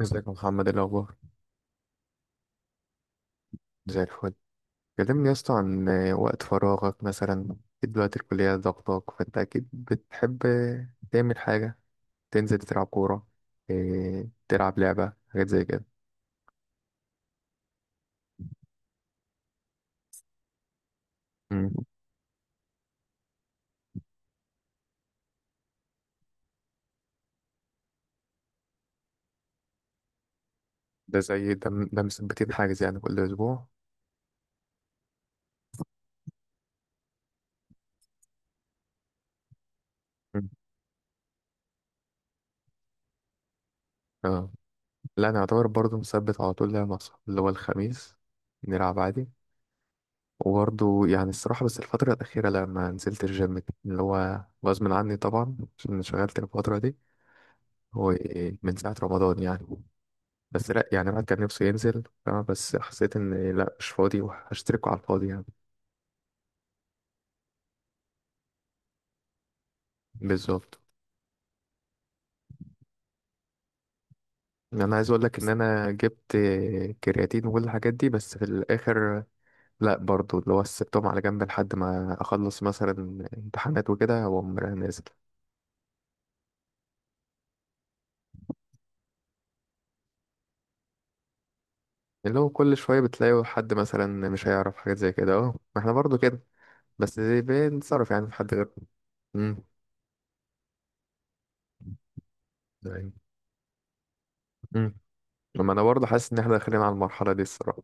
ازيك يا محمد؟ ايه الاخبار؟ زي الفل. كلمني يا اسطى عن وقت فراغك، مثلا أكيد دلوقتي الكليه ضغطاك، فانت اكيد بتحب تعمل حاجه، تنزل تلعب كوره، تلعب لعبه، حاجات زي كده. مم. ده زي ده ده مثبتين حاجز يعني كل اسبوع؟ مم. اه. لا انا اعتبر برضه مثبت على طول لعبه مع صحابي، اللي هو الخميس نلعب عادي. وبرضه يعني الصراحه، بس الفتره الاخيره لما نزلت الجيم اللي هو غصب عني طبعا عشان شغلت الفتره دي، هو إيه من ساعة رمضان يعني. بس لا، يعني الواحد كان نفسه ينزل فاهمة، بس حسيت إن لا، مش فاضي وهشتركه على الفاضي يعني. بالظبط. أنا عايز أقول لك إن أنا جبت كرياتين وكل الحاجات دي، بس في الآخر لا، برضو اللي هو سبتهم على جنب لحد ما أخلص مثلا امتحانات وكده وأقوم رايح نازل. اللي هو كل شوية بتلاقي حد مثلا مش هيعرف حاجات زي كده، أهو ما إحنا برضو كده، بس بنتصرف يعني في حد غير. امم. أيوة. امم لما انا برضه حاسس ان احنا داخلين على المرحله دي الصراحه.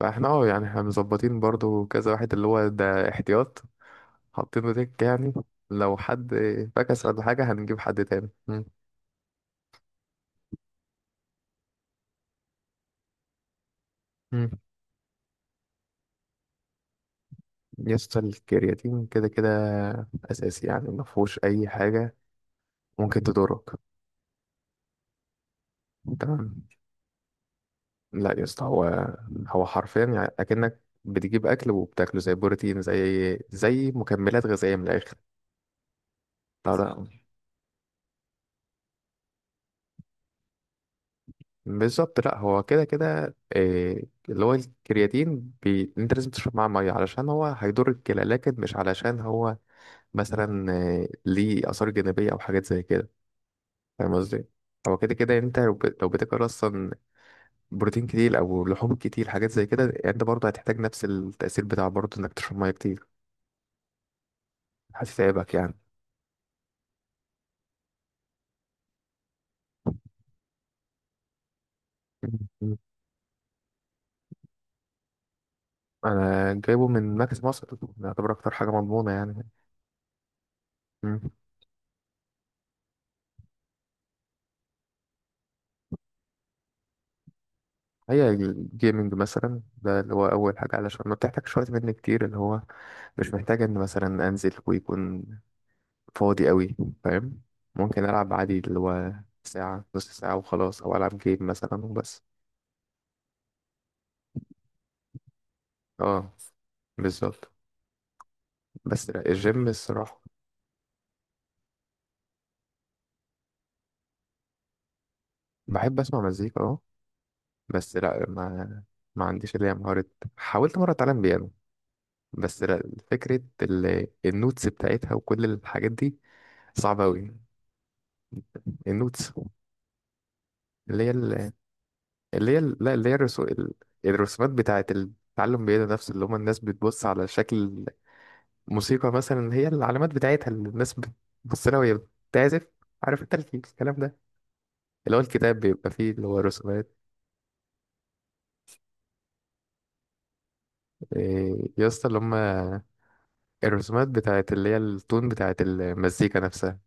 فاحنا يعني احنا مظبطين برضو كذا واحد، اللي هو ده احتياط حاطينه دك يعني، لو حد فكس ولا حاجة هنجيب حد تاني. مم. مم. يسطا الكرياتين كده كده أساسي، يعني مفهوش أي حاجة ممكن تضرك. تمام. لا يسطا، هو هو حرفيا يعني أكنك بتجيب أكل وبتاكله، زي بروتين، زي مكملات غذائية من الآخر. لا لا. بالظبط، لا هو كده كده، اللي هو الكرياتين بي... انت لازم تشرب معاه ميه علشان هو هيضر الكلى، لكن مش علشان هو مثلا ليه اثار جانبيه او حاجات زي كده. فاهم قصدي؟ هو كده كده، انت لو بتاكل اصلا بروتين كتير او لحوم كتير، حاجات زي كده، انت برضه هتحتاج نفس التاثير بتاع برضه، انك تشرب ميه كتير. هتتعبك يعني. مم. انا جايبه من مركز مصر، يعتبر اكتر حاجه مضمونه يعني. مم. هي الجيمنج مثلا ده اللي هو أول حاجة، علشان ما بتحتاجش وقت مني كتير، اللي هو مش محتاج إن مثلا أنزل ويكون فاضي قوي. فاهم؟ ممكن ألعب عادي اللي هو ساعة، نص ساعة وخلاص، أو ألعب جيم مثلا وبس. اه. بالظبط. بس لا الجيم الصراحة. بحب أسمع مزيكا اه. بس لا ما عنديش اللي هي مهارة. حاولت مرة أتعلم بيانو، بس لا. فكرة النوتس بتاعتها وكل الحاجات دي صعبة أوي. النوتس اللي هي لا، اللي هي الرسومات بتاعة التعلم بيد نفسه، اللي هما الناس بتبص على شكل موسيقى مثلا، هي العلامات بتاعتها اللي الناس بتبص لها وهي بتعزف. عارف انت الكلام ده، اللي هو الكتاب بيبقى فيه اللي هو رسومات. يا اسطى اللي هما الرسومات بتاعة اللي هي التون بتاعة المزيكا نفسها،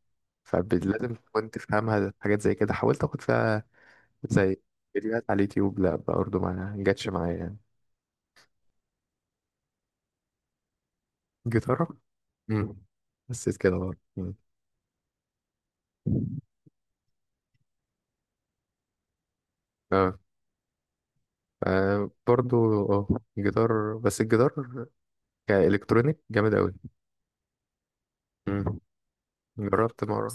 فلازم تكون تفهمها، حاجات زي كده حاولت اخد فيها زي فيديوهات على اليوتيوب، لا برضه ما جاتش معايا يعني. جيتارة. مم. حسيت كده برضه. مم. اه. آه برضو. اه. جيتار، بس الجيتار كإلكترونيك جامد أوي. مم. جربت مرة،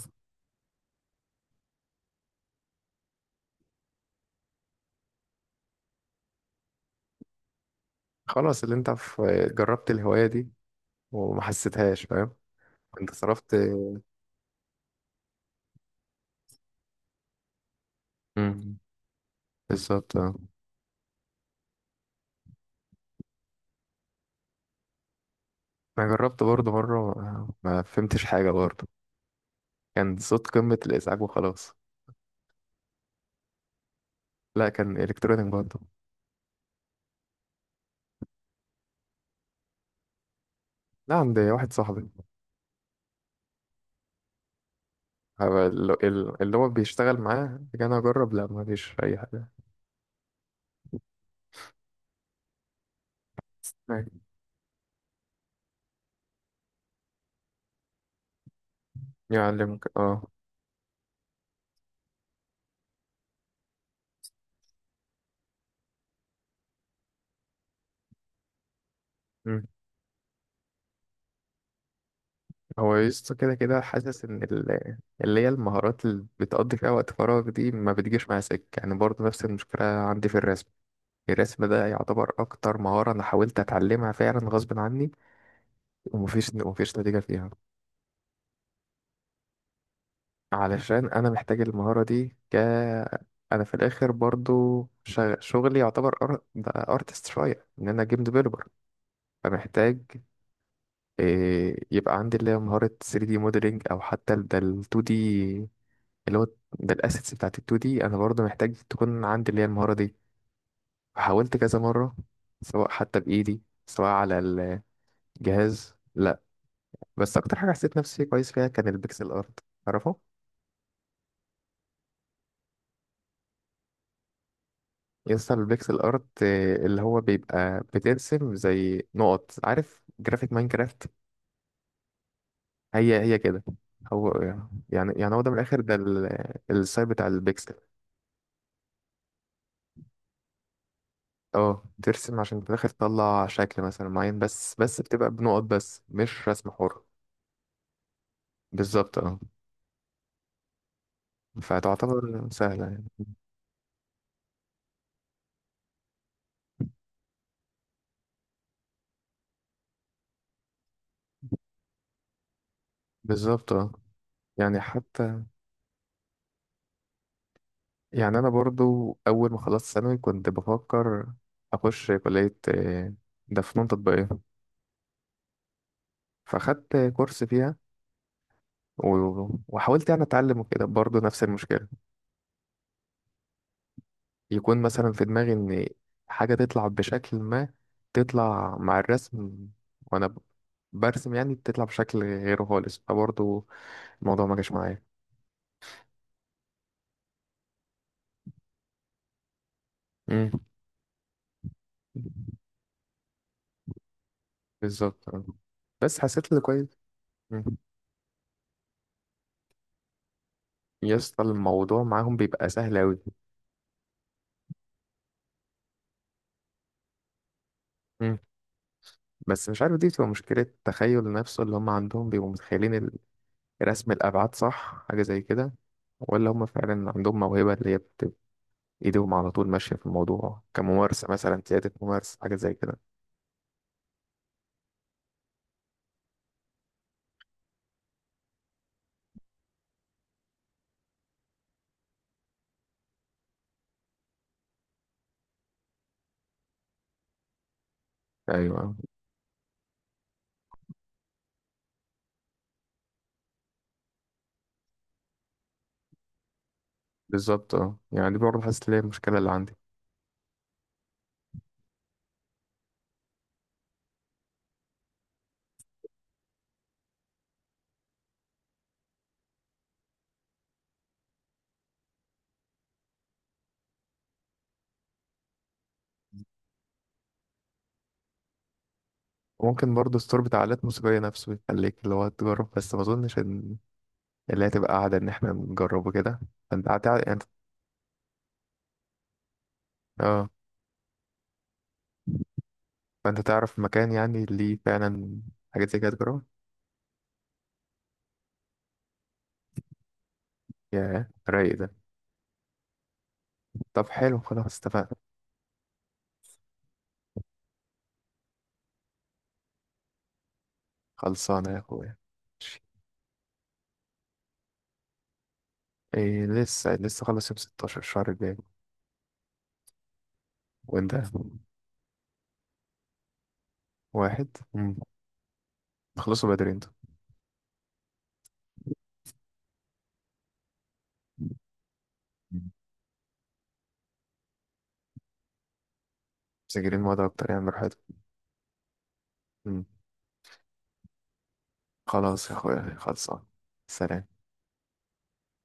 خلاص اللي انت في، جربت الهواية دي وما حسيتهاش. فاهم؟ انت صرفت. مم. بالظبط اه. انا جربت برضو مرة، ما فهمتش حاجة برضو، كان صوت قمة الإزعاج وخلاص. لا كان إلكترونيك برضو. لا عند واحد صاحبي، هو اللي هو بيشتغل معاه كان أجرب، لا ما فيش أي حاجة. يعلمك اه. هو يسطا كده كده حاسس ان اللي هي المهارات اللي بتقضي فيها وقت فراغ دي ما بتجيش مع سكة يعني، برضه نفس المشكلة عندي في الرسم. الرسم ده يعتبر اكتر مهارة انا حاولت اتعلمها فعلا غصب عني، ومفيش نتيجة فيها. علشان انا محتاج المهارة دي انا في الاخر برضه شغلي يعتبر ده ارتست شوية، ان انا جيم ديفلوبر، فمحتاج يبقى عندي اللي هي مهارة 3D موديلينج، او حتى ده ال 2D اللي هو بالاسيتس بتاعت ال 2 دي، انا برضه محتاج تكون عندي اللي هي المهارة دي. وحاولت كذا مرة، سواء حتى بايدي سواء على الجهاز، لا. بس اكتر حاجة حسيت نفسي كويس فيها كان البيكسل ارت. تعرفه؟ يسطا البيكسل ارت، اللي هو بيبقى بترسم زي نقط، عارف جرافيك ماينكرافت؟ هي هي كده. هو يعني هو ده من الاخر، ده السايب بتاع البيكسل. اه ترسم عشان في الاخر تطلع شكل مثلا معين، بس بتبقى بنقط بس، مش رسم حر. بالظبط اه. فتعتبر سهلة يعني. بالظبط اه. يعني حتى، يعني أنا برضو أول ما خلصت ثانوي كنت بفكر أخش كلية، ده فنون تطبيقية، فأخدت كورس فيها، وحاولت يعني أتعلم وكده، برضو نفس المشكلة. يكون مثلا في دماغي إن حاجة تطلع بشكل ما تطلع مع الرسم، وأنا برسم يعني تطلع بشكل غيره خالص، فبرضو الموضوع ما جاش معايا. مم. بالظبط آه. بس حسيت اللي كويس. مم. يا اسطى الموضوع معاهم بيبقى سهل أوي. مم. بس مش عارف، دي بتبقى مشكلة تخيل نفسه، اللي هم عندهم بيبقوا متخيلين رسم الأبعاد صح، حاجة زي كده، ولا هم فعلا عندهم موهبة اللي هي بتبقى إيديهم على طول ماشية في الموضوع، كممارسة مثلا، زيادة ممارسة حاجة زي كده. أيوه بالظبط اه، يعني دي برضه حاسس إن هي المشكلة اللي عندي. ممكن برضه الستور بتاع آلات موسيقية نفسه يخليك اللي هو تجرب، بس ما أظنش إن اللي هتبقى قاعدة إن إحنا نجربه كده. أنت قاعد يعني. اه. فانت تعرف مكان يعني اللي فعلا حاجات زي كده تجربها؟ يا رايق ده. طب حلو، خلاص اتفقنا. خلصانه يا اخويا. ماشي. إيه لسه لسه خلص يوم 16 الشهر الجاي. وانت؟ واحد. مم. خلصوا بدري انتوا، مسجلين مواد اكتر يعني براحتكم. مم. خلاص يا اخويا، خلصان. سلام.